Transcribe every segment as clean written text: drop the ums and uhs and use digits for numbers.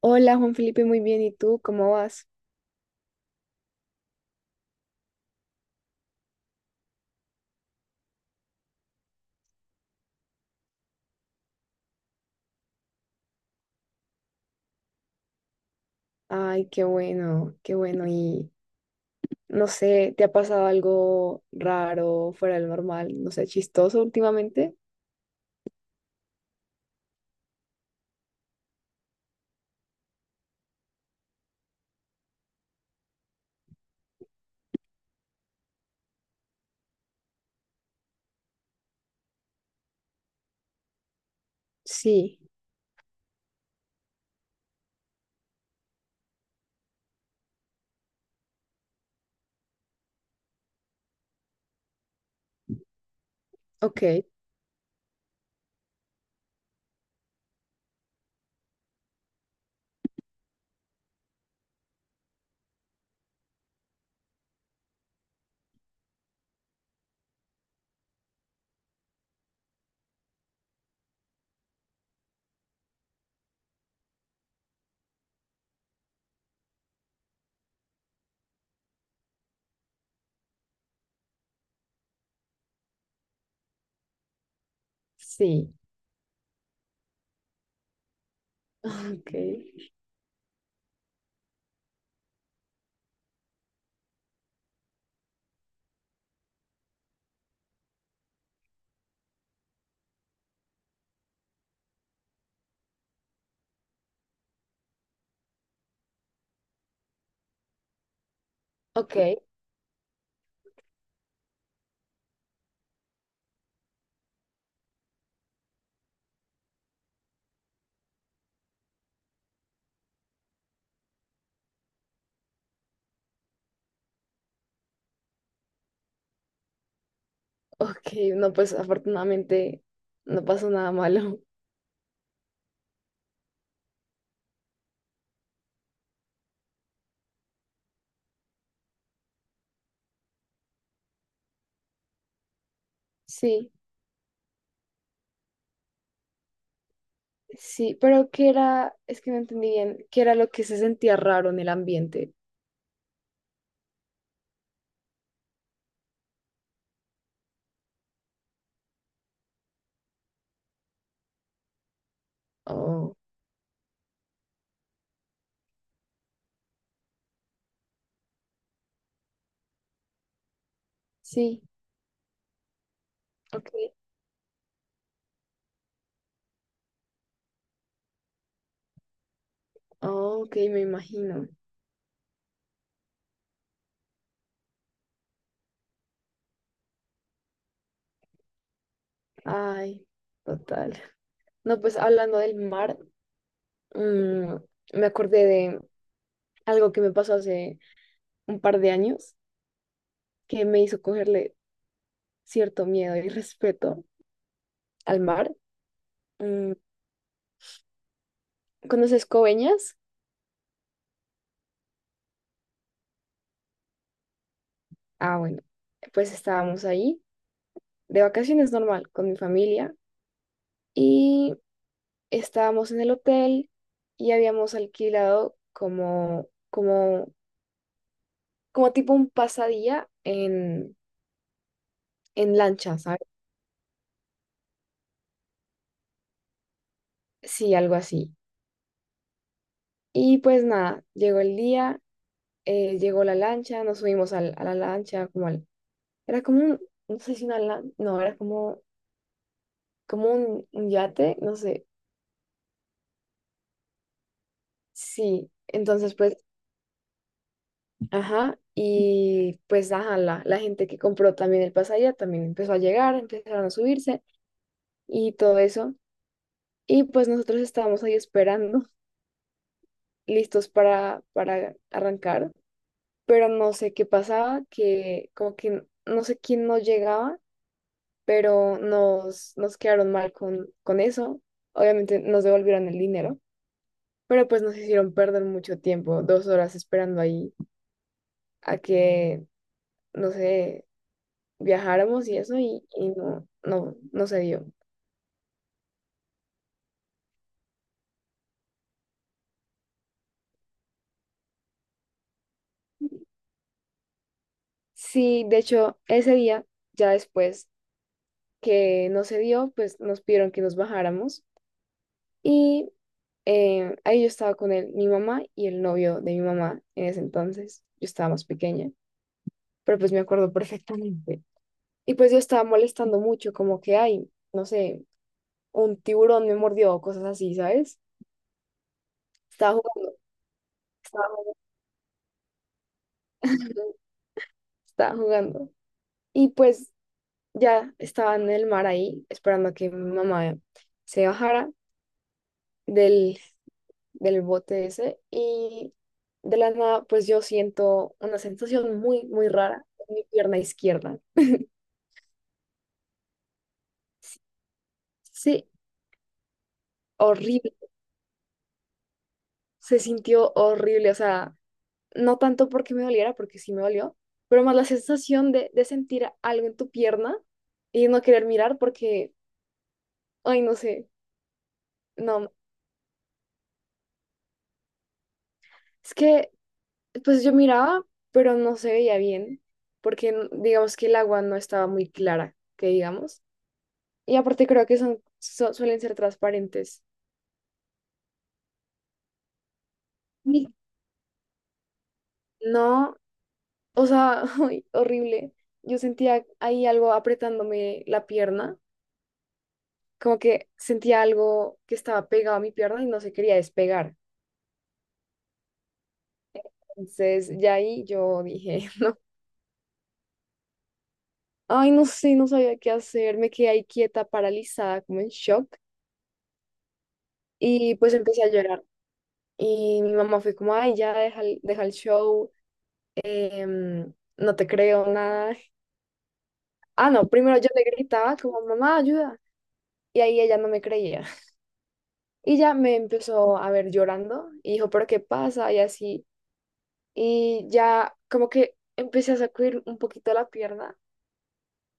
Hola Juan Felipe, muy bien. ¿Y tú cómo vas? Ay, qué bueno, qué bueno. Y no sé, ¿te ha pasado algo raro, fuera del normal, no sé, chistoso últimamente? Sí, ok, sí, ok, ok, ok. No, pues afortunadamente no pasó nada malo. Sí, sí, pero ¿qué era? Es que no entendí bien. ¿Qué era lo que se sentía raro en el ambiente? Oh, sí, ok, oh, ok, me imagino. Ay, total. No, pues hablando del mar, mm, me acordé de algo que me pasó hace un par de años que me hizo cogerle cierto miedo y respeto al mar. Mm, ¿conoces Coveñas? Ah, bueno, pues estábamos ahí de vacaciones normal con mi familia y estábamos en el hotel y habíamos alquilado como tipo un pasadía en lancha, ¿sabes? Sí, algo así. Y pues nada, llegó el día llegó la lancha, nos subimos a la lancha, como al, era como un, no sé si una lancha, no, era como un yate, no sé, sí, entonces pues, ajá, y pues, ajá, la gente que compró también el pasaje también empezó a llegar, empezaron a subirse y todo eso, y pues nosotros estábamos ahí esperando, listos para arrancar, pero no sé qué pasaba, que como que no sé quién no llegaba pero nos quedaron mal con eso. Obviamente nos devolvieron el dinero, pero pues nos hicieron perder mucho tiempo, 2 horas esperando ahí a que, no sé, viajáramos y eso, y no, no, no se dio. Sí, de hecho, ese día, ya después que no se dio, pues nos pidieron que nos bajáramos y ahí yo estaba con él, mi mamá y el novio de mi mamá en ese entonces. Yo estaba más pequeña, pero pues me acuerdo perfectamente. Y pues yo estaba molestando mucho, como que hay, no sé, un tiburón me mordió o cosas así, ¿sabes? Estaba jugando, estaba jugando, estaba jugando. Y pues ya estaba en el mar ahí, esperando a que mi mamá se bajara del, del bote ese. Y de la nada, pues yo siento una sensación muy, muy rara en mi pierna izquierda. Sí, horrible. Se sintió horrible, o sea, no tanto porque me doliera, porque sí me dolió, pero más la sensación de sentir algo en tu pierna y no querer mirar porque, ay, no sé, no, es que pues yo miraba, pero no se veía bien, porque digamos que el agua no estaba muy clara, que digamos, y aparte creo que son, suelen ser transparentes. Sí. No, o sea, ay, horrible. Yo sentía ahí algo apretándome la pierna, como que sentía algo que estaba pegado a mi pierna y no se quería despegar. Entonces, ya ahí yo dije, ay, no sé, no sabía qué hacer, me quedé ahí quieta, paralizada, como en shock, y pues empecé a llorar. Y mi mamá fue como, ay, ya deja el show, em, no te creo nada. Ah, no, primero yo le gritaba como, mamá, ayuda. Y ahí ella no me creía. Y ya me empezó a ver llorando y dijo, pero ¿qué pasa? Y así. Y ya como que empecé a sacudir un poquito la pierna.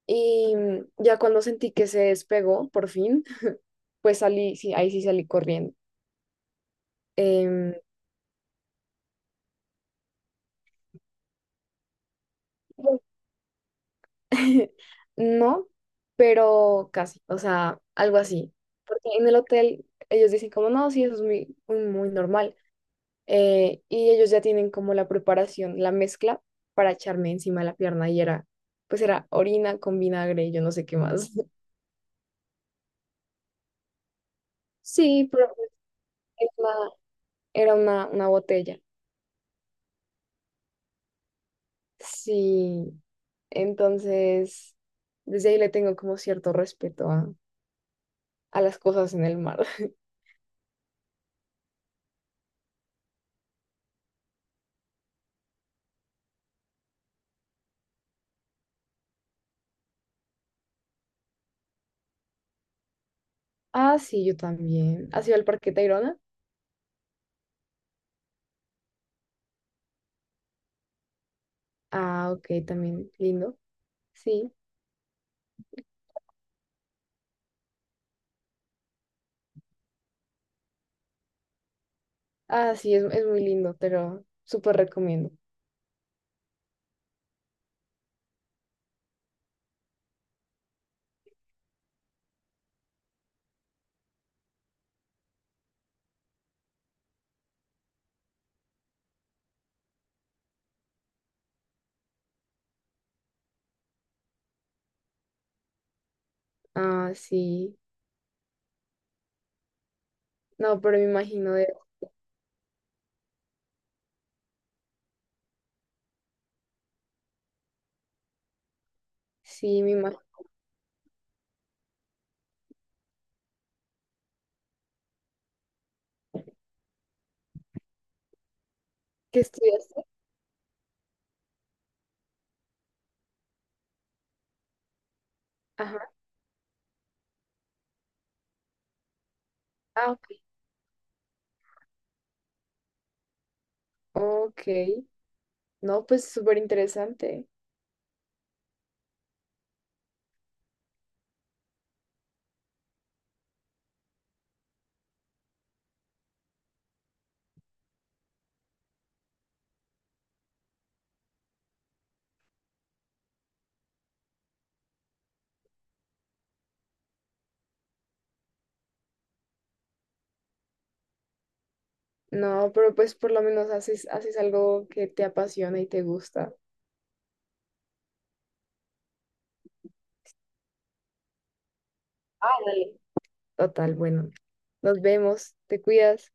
Y ya cuando sentí que se despegó, por fin, pues salí, sí, ahí sí salí corriendo. Em, no, pero casi, o sea, algo así. Porque en el hotel ellos dicen como, no, sí, eso es muy, muy, muy normal. Y ellos ya tienen como la preparación, la mezcla para echarme encima de la pierna y era, pues era orina con vinagre y yo no sé qué más. Sí, pero era una, era una botella. Sí, entonces, desde ahí le tengo como cierto respeto a las cosas en el mar. Ah, sí, yo también. ¿Has ido al Parque Tayrona? Ah, ok, también lindo. Sí. Ah, sí, es muy lindo, pero súper recomiendo. Ah, sí. No, pero me imagino de. Sí, me imagino. ¿Qué estudiaste? Ajá. Ah, ok. Ok. No, pues súper interesante. No, pero pues por lo menos haces algo que te apasiona y te gusta. Ah, dale. Total, bueno. Nos vemos. Te cuidas.